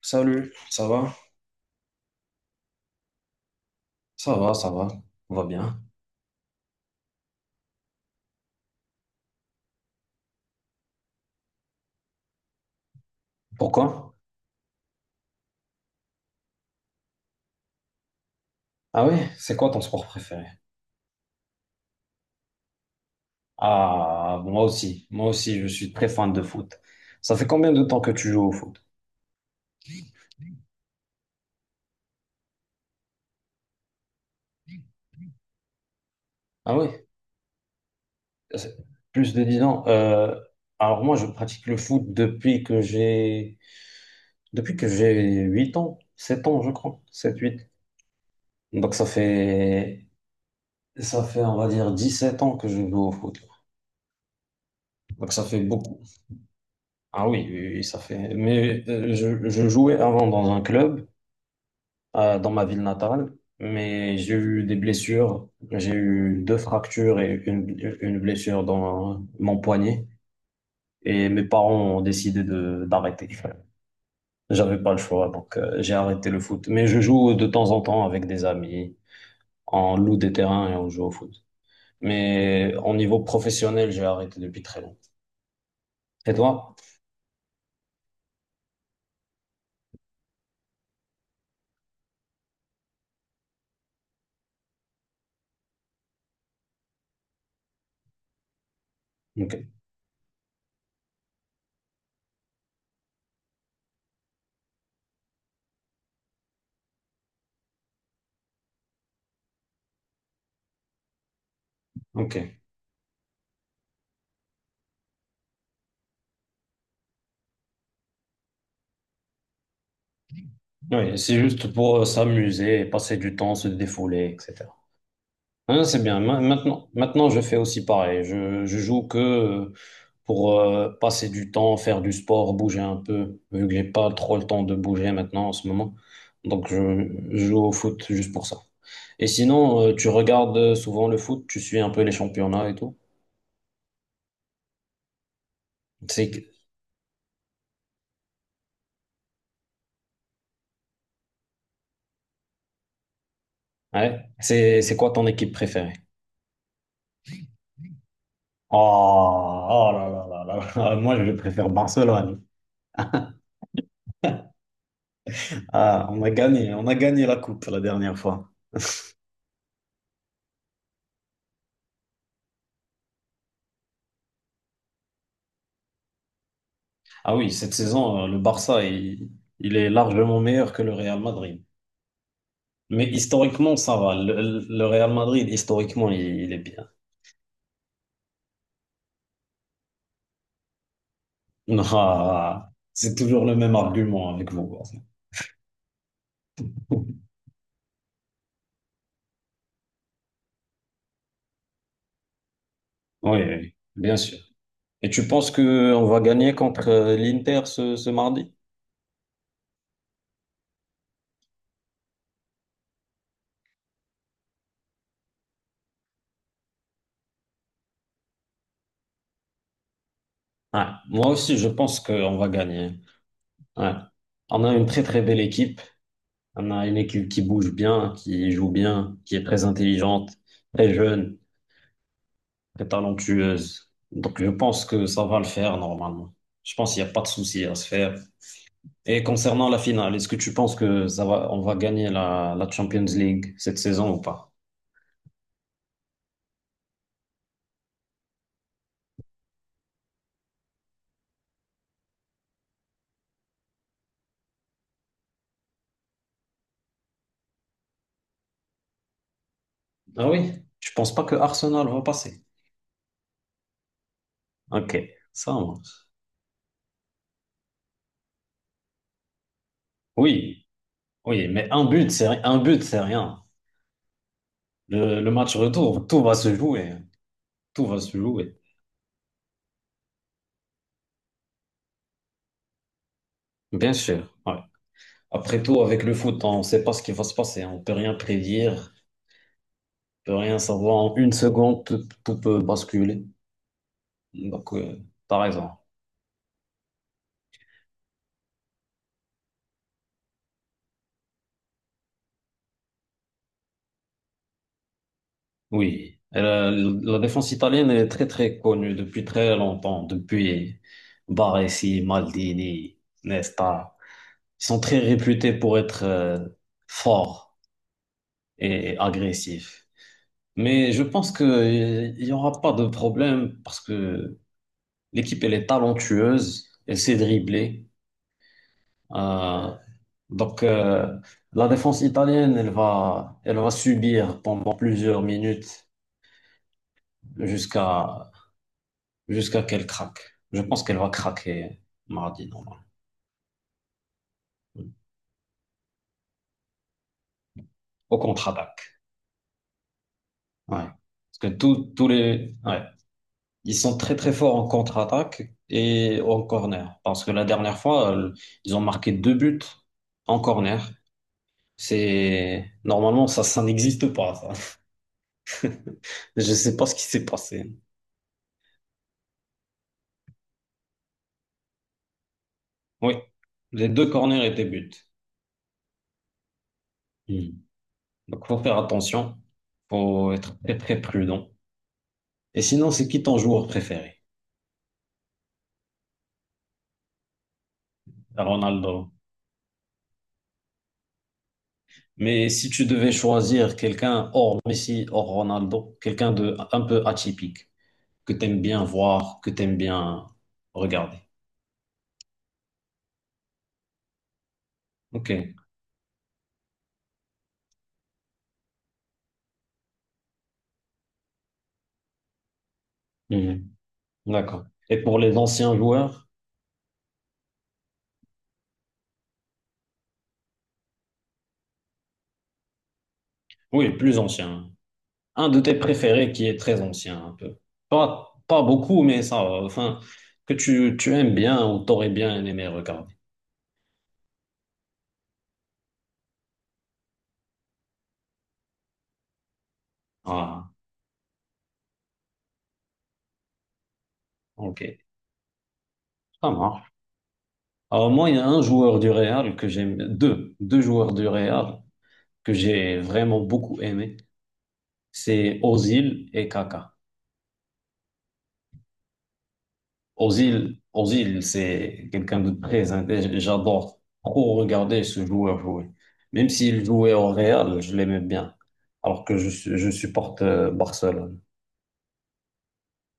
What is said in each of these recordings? Salut, ça va? Ça va, ça va, on va bien. Pourquoi? Ah oui, c'est quoi ton sport préféré? Ah, moi aussi, je suis très fan de foot. Ça fait combien de temps que tu joues au foot? Ah oui, c'est plus de 10 ans. Alors moi, je pratique le foot depuis que j'ai 8 ans, 7 ans, je crois, sept-huit. Donc ça fait, on va dire, 17 ans que je joue au foot. Donc ça fait beaucoup. Ah oui, oui, oui, ça fait. Mais je jouais avant dans un club, dans ma ville natale, mais j'ai eu des blessures. J'ai eu deux fractures et une blessure dans mon poignet. Et mes parents ont décidé de d'arrêter. J'avais pas le choix, donc j'ai arrêté le foot. Mais je joue de temps en temps avec des amis, on loue des terrains et on joue au foot. Mais au niveau professionnel, j'ai arrêté depuis très longtemps. Et toi? Ok, ok. Oui, c'est juste pour s'amuser, passer du temps, se défouler, etc. Hein, c'est bien. Maintenant, maintenant, je fais aussi pareil. Je joue que pour passer du temps, faire du sport, bouger un peu, vu que j'ai pas trop le temps de bouger maintenant en ce moment. Donc, je joue au foot juste pour ça. Et sinon, tu regardes souvent le foot, tu suis un peu les championnats et tout. C'est, c'est quoi ton équipe préférée? Oh, oh là là là là. Moi, je préfère Barcelone. Ah, on a gagné la coupe la dernière fois. Ah oui, cette saison, il est largement meilleur que le Real Madrid. Mais historiquement, ça va. Le Real Madrid, historiquement, il est bien. Ah, c'est toujours le même argument avec vous. Oui, oui, bien sûr. Et tu penses que on va gagner contre l'Inter ce mardi? Ouais. Moi aussi, je pense qu'on va gagner. Ouais. On a une très très belle équipe. On a une équipe qui bouge bien, qui joue bien, qui est très intelligente, très jeune, très talentueuse. Donc, je pense que ça va le faire normalement. Je pense qu'il n'y a pas de souci à se faire. Et concernant la finale, est-ce que tu penses que on va gagner la Champions League cette saison ou pas? Ah oui, je pense pas que Arsenal va passer. Ok, ça marche. Oui, oui, mais un but, c'est un but, c'est rien. Le match retour, tout va se jouer. Tout va se jouer, bien sûr. Ouais. Après tout, avec le foot, on ne sait pas ce qui va se passer. On ne peut rien prédire, on ne peut rien savoir. En une seconde, tout peut basculer. Donc, par exemple, oui. Et la défense italienne est très, très connue depuis très longtemps, depuis Baresi, Maldini, Nesta. Ils sont très réputés pour être forts et agressifs. Mais je pense qu'il n'y aura pas de problème parce que l'équipe, elle est talentueuse, elle sait dribbler. Euh, donc, euh, la défense italienne, elle va subir pendant plusieurs minutes jusqu'à jusqu'à qu'elle craque. Je pense qu'elle va craquer mardi, normalement, au contre-attaque. Ouais. Parce que tous les, ouais. Ils sont très très forts en contre-attaque et en corner. Parce que la dernière fois, ils ont marqué deux buts en corner. C'est normalement ça, ça n'existe pas. Ça. Je sais pas ce qui s'est passé. Oui, les deux corners étaient buts. Hmm. Donc, faut faire attention. Faut être très, très prudent. Et sinon, c'est qui ton joueur préféré? Ronaldo. Mais si tu devais choisir quelqu'un hors Messi, hors Ronaldo, quelqu'un de un peu atypique, que t'aimes bien voir, que t'aimes bien regarder. Ok. Hmm. D'accord. Et pour les anciens joueurs? Oui, plus anciens. Un de tes préférés qui est très ancien, un peu. Pas, pas beaucoup, mais ça, va. Enfin, que tu aimes bien ou t'aurais bien aimé regarder. Ah, ok, ça marche. Alors moi, il y a un joueur du Real que j'aime, deux joueurs du Real que j'ai vraiment beaucoup aimé. C'est Ozil et Kaka. Ozil, c'est quelqu'un de très intelligent. J'adore trop regarder ce joueur jouer. Même s'il jouait au Real, je l'aimais bien. Alors que je supporte Barcelone.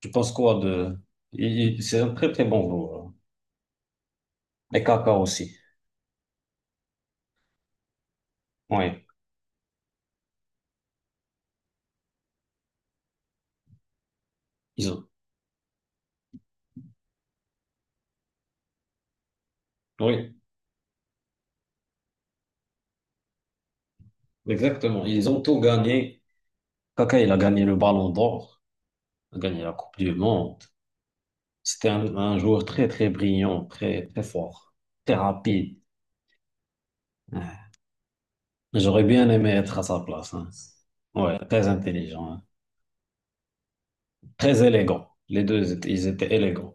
Tu penses quoi de... il- C'est un très très bon joueur, hein. Et Kaka aussi. Oui, ils ont... Oui, exactement. Ils ont tout gagné. Kaka, il a gagné le Ballon d'Or, il a gagné la Coupe du Monde. C'était un joueur très très brillant, très très fort, très rapide. Ouais. J'aurais bien aimé être à sa place, hein. Ouais, très intelligent, hein. Très élégant. Ils étaient élégants.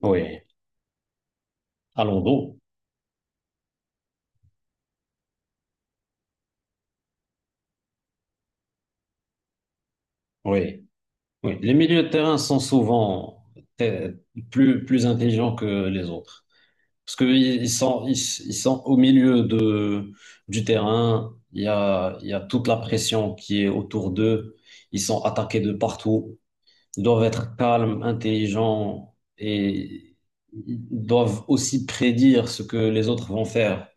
Oui. Alonso, oui. Oui, les milieux de terrain sont souvent te- plus, plus intelligents que les autres. Parce qu'ils ils, ils sont au milieu du terrain, il y a toute la pression qui est autour d'eux, ils sont attaqués de partout, ils doivent être calmes, intelligents et ils doivent aussi prédire ce que les autres vont faire.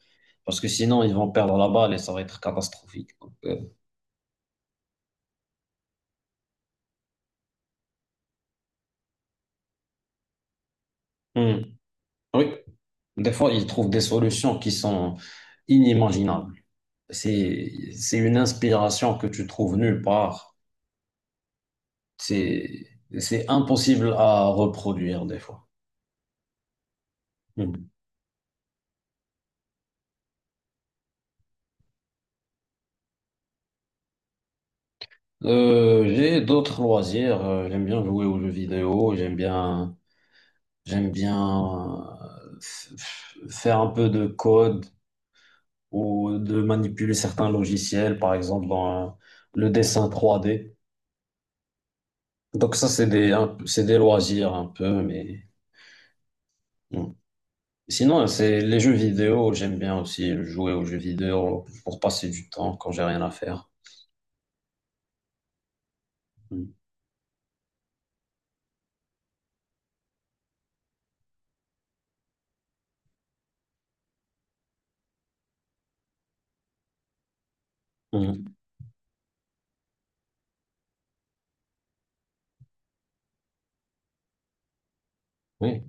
Parce que sinon, ils vont perdre la balle et ça va être catastrophique. Donc, hmm. Oui. Des fois, ils trouvent des solutions qui sont inimaginables. C'est une inspiration que tu trouves nulle part. C'est, c'est impossible à reproduire des fois. Mhm. J'ai d'autres loisirs. J'aime bien jouer aux jeux vidéo. J'aime bien faire un peu de code ou de manipuler certains logiciels, par exemple dans le dessin 3D. Donc ça, c'est c'est des loisirs un peu, mais. Mhm. Sinon, c'est les jeux vidéo, j'aime bien aussi jouer aux jeux vidéo pour passer du temps quand j'ai rien à faire. Mm. Mm. Oui,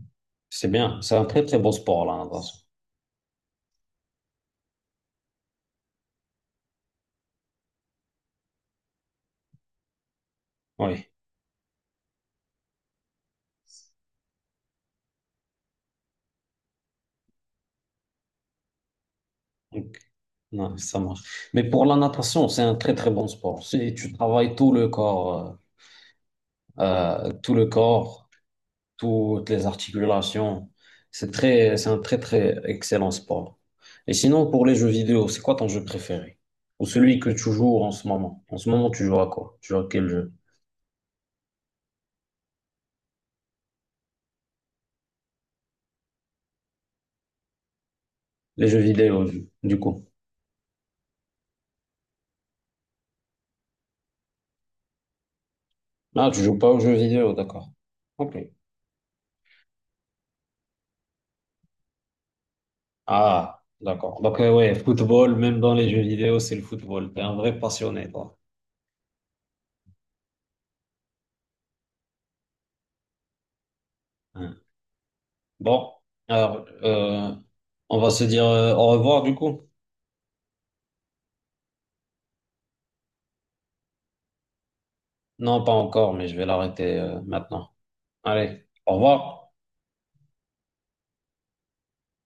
c'est bien. C'est un très très bon sport, la natation. Oui, donc, non, ça marche. Mais pour la natation, c'est un très très bon sport. C'est- Tu travailles tout le corps, toutes les articulations. C'est c'est un très très excellent sport. Et sinon, pour les jeux vidéo, c'est quoi ton jeu préféré? Ou celui que tu joues en ce moment? En ce moment, tu joues à quoi? Tu joues à quel jeu? Les jeux vidéo, du coup. Ah, tu joues pas aux jeux vidéo, d'accord. Ok. Ah, d'accord. Donc, ouais, football, même dans les jeux vidéo, c'est le football. T'es un vrai passionné, toi, hein. Bon, alors, on va se dire au revoir, du coup. Non, pas encore, mais je vais l'arrêter maintenant. Allez, au revoir.